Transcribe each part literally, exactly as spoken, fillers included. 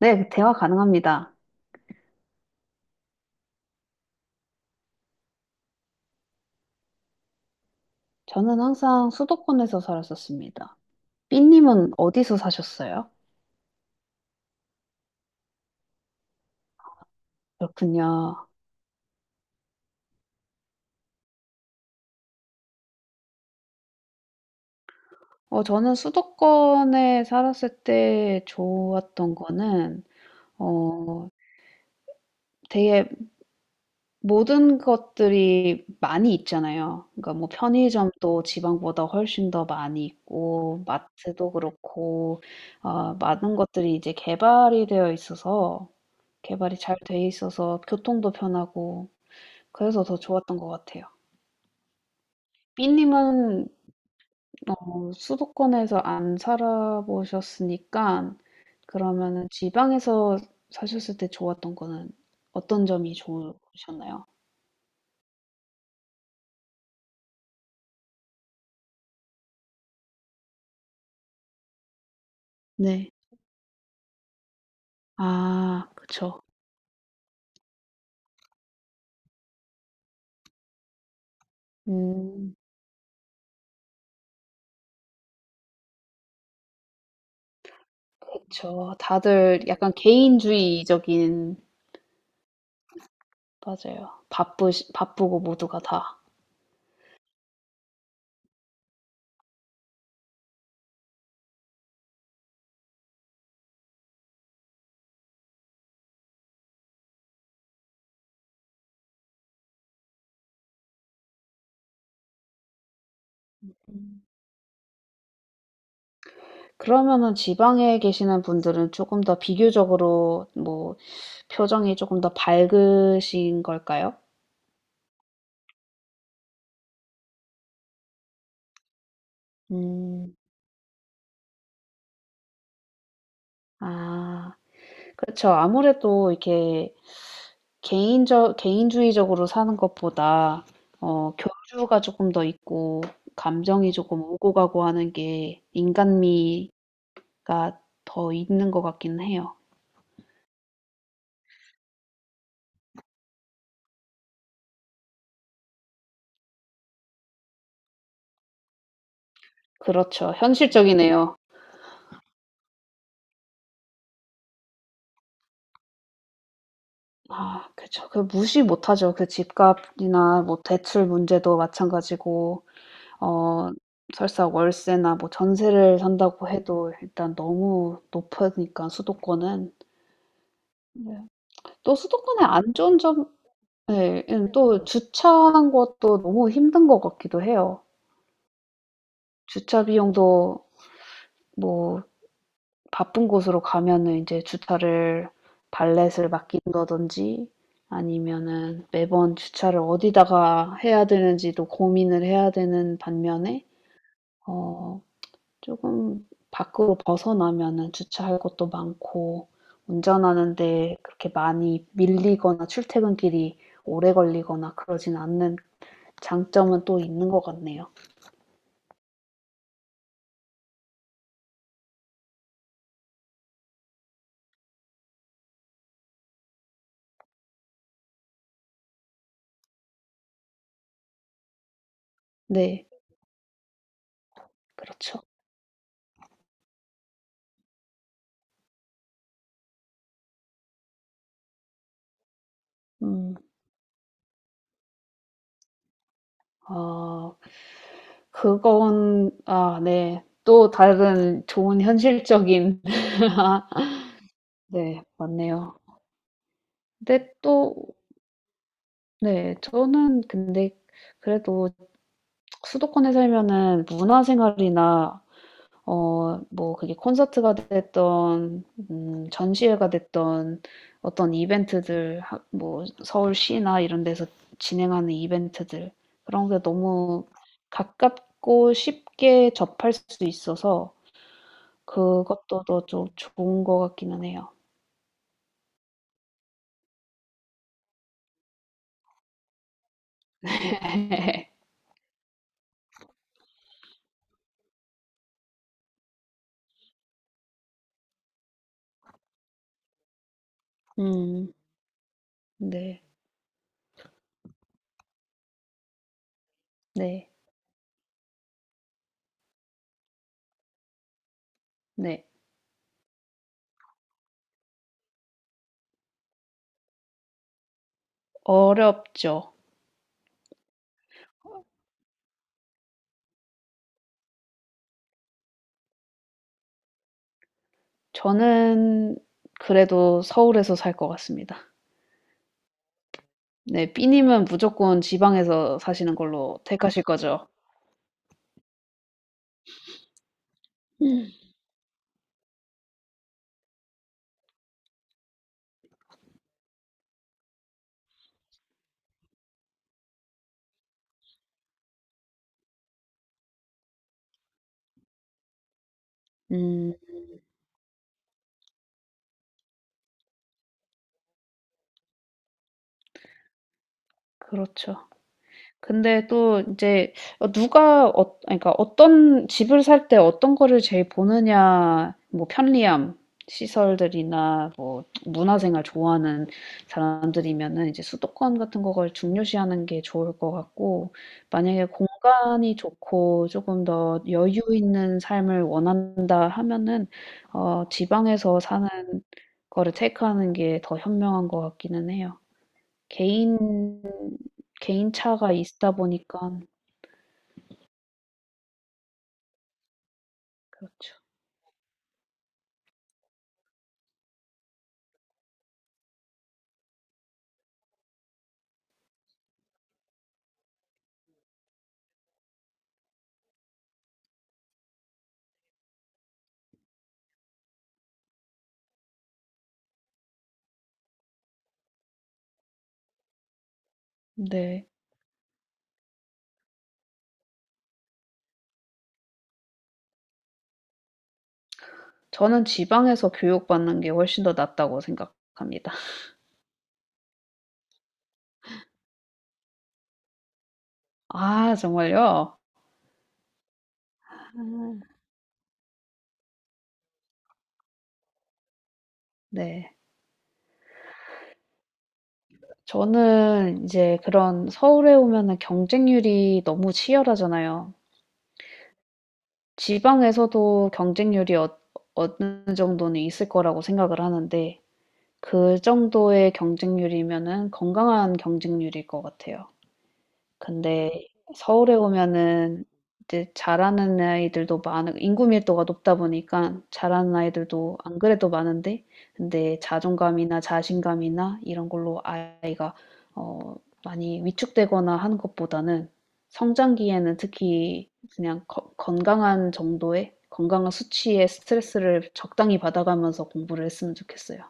네, 대화 가능합니다. 저는 항상 수도권에서 살았었습니다. 삐님은 어디서 사셨어요? 그렇군요. 어, 저는 수도권에 살았을 때 좋았던 거는, 어, 되게 모든 것들이 많이 있잖아요. 그러니까 뭐 편의점도 지방보다 훨씬 더 많이 있고, 마트도 그렇고, 어, 많은 것들이 이제 개발이 되어 있어서, 개발이 잘 돼 있어서 교통도 편하고, 그래서 더 좋았던 것 같아요. B님은 어 수도권에서 안 살아보셨으니까 그러면은 지방에서 사셨을 때 좋았던 거는 어떤 점이 좋으셨나요? 네. 아 그쵸. 음 그쵸. 다들 약간 개인주의적인 맞아요. 바쁘시 바쁘고 모두가 다. 음. 그러면은 지방에 계시는 분들은 조금 더 비교적으로 뭐 표정이 조금 더 밝으신 걸까요? 음. 아. 그렇죠. 아무래도 이렇게 개인적 개인주의적으로 사는 것보다 어 교류가 조금 더 있고 감정이 조금 오고 가고 하는 게 인간미가 더 있는 것 같긴 해요. 그렇죠. 현실적이네요. 아 그쵸. 그 무시 못하죠. 그 집값이나 뭐 대출 문제도 마찬가지고 어 설사 월세나 뭐 전세를 산다고 해도 일단 너무 높으니까 수도권은. 네. 또 수도권의 안 좋은 점 예. 예 또 주차하는 것도 너무 힘든 것 같기도 해요. 주차 비용도 뭐 바쁜 곳으로 가면은 인제 주차를 발렛을 맡긴다든지 아니면은 매번 주차를 어디다가 해야 되는지도 고민을 해야 되는 반면에 어 쪼금 밖으로 벗어나면은 주차할 곳도 많고 운전하는 데 그렇게 많이 밀리거나 출퇴근길이 오래 걸리거나 그러진 않는 장점은 또 있는 것 같네요. 네, 그렇죠. 음, 아, 그건, 아, 네. 또 다른 좋은 현실적인, 네, 맞네요. 근데 또, 네, 저는 근데 그래도 수도권에 살면은 문화생활이나 어 뭐 그게 콘서트가 됐든 음 전시회가 됐든 어떤 이벤트들 하 뭐 서울시나 이런 데서 진행하는 이벤트들 그런 게 너무 가깝고 쉽게 접할 수 있어서 그것도 더 좀 좋은 것 같기는 해요. 음 네. 네. 네. 어렵죠. 저는 그래도 서울에서 살 것 같습니다. 네. B님은 무조건 지방에서 사시는 걸로 택하실 거죠? 음. 그렇죠. 근데 또 이제 누가 어, 그러니까 어떤 집을 살 때 어떤 거를 제일 보느냐, 뭐 편리함, 시설들이나 뭐 문화생활 좋아하는 사람들이면은 이제 수도권 같은 거를 중요시하는 게 좋을 것 같고 만약에 공간이 좋고 조금 더 여유 있는 삶을 원한다 하면은 어, 지방에서 사는 거를 테이크하는 게 더 현명한 것 같기는 해요. 개인 개인차가 있다 보니까 그렇죠. 네. 저는 지방에서 교육받는 게 훨씬 더 낫다고 생각합니다. 아 정말요? 아. 네. 저는 이제 그런 서울에 오면은 경쟁률이 너무 치열하잖아요. 지방에서도 경쟁률이 어 어느 정도는 있을 거라고 생각을 하는데 그 정도의 경쟁률이면은 건강한 경쟁률일 것 같아요. 근데 서울에 오면은 이제 잘하는 아이들도 많은 인구 밀도가 높다 보니까 잘하는 아이들도 안 그래도 많은데 근데 자존감이나 자신감이나 이런 걸로 아이가 어 많이 위축되거나 하는 것보다는 성장기에는 특히 그냥 거- 건강한 정도의 건강한 수치의 스트레스를 적당히 받아가면서 공부를 했으면 좋겠어요.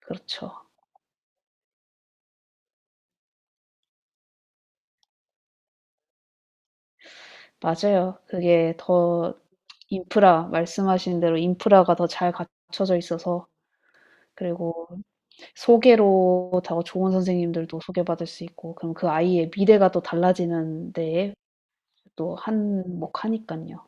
그렇죠. 맞아요. 그게 더 인프라 말씀하신 대로 인프라가 더 잘 갖춰져 있어서 그리고 소개로 더 좋은 선생님들도 소개받을 수 있고 그럼 그 아이의 미래가 또 달라지는 데에 또 한몫하니깐요.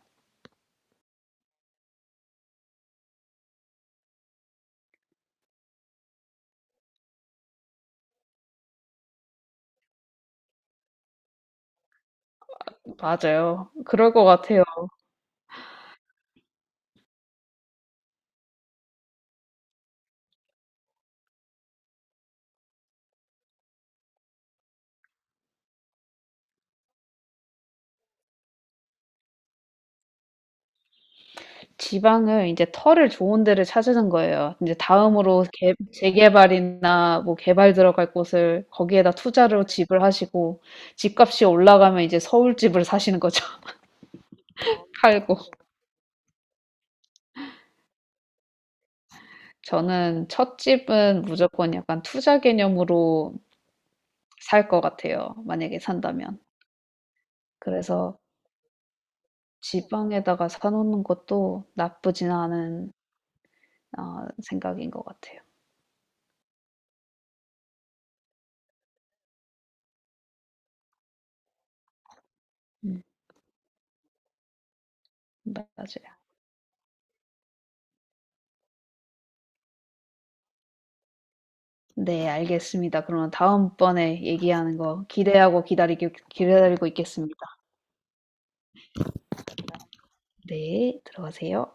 맞아요. 그럴 것 같아요. 지방을 이제 털을 좋은 데를 찾으는 거예요. 이제 다음으로 개 재개발이나 뭐 개발 들어갈 곳을 거기에다 투자로 집을 하시고 집값이 올라가면 이제 서울 집을 사시는 거죠, 팔고. 저는 첫 집은 무조건 약간 투자 개념으로 살 것 같아요. 만약에 산다면. 그래서 지방에다가 사놓는 것도 나쁘진 않은 어, 생각인 것 같아요. 음, 맞아요. 네, 알겠습니다. 그러면 다음번에 얘기하는 거 기대하고 기다리기, 기다리고 있겠습니다. 네, 들어가세요.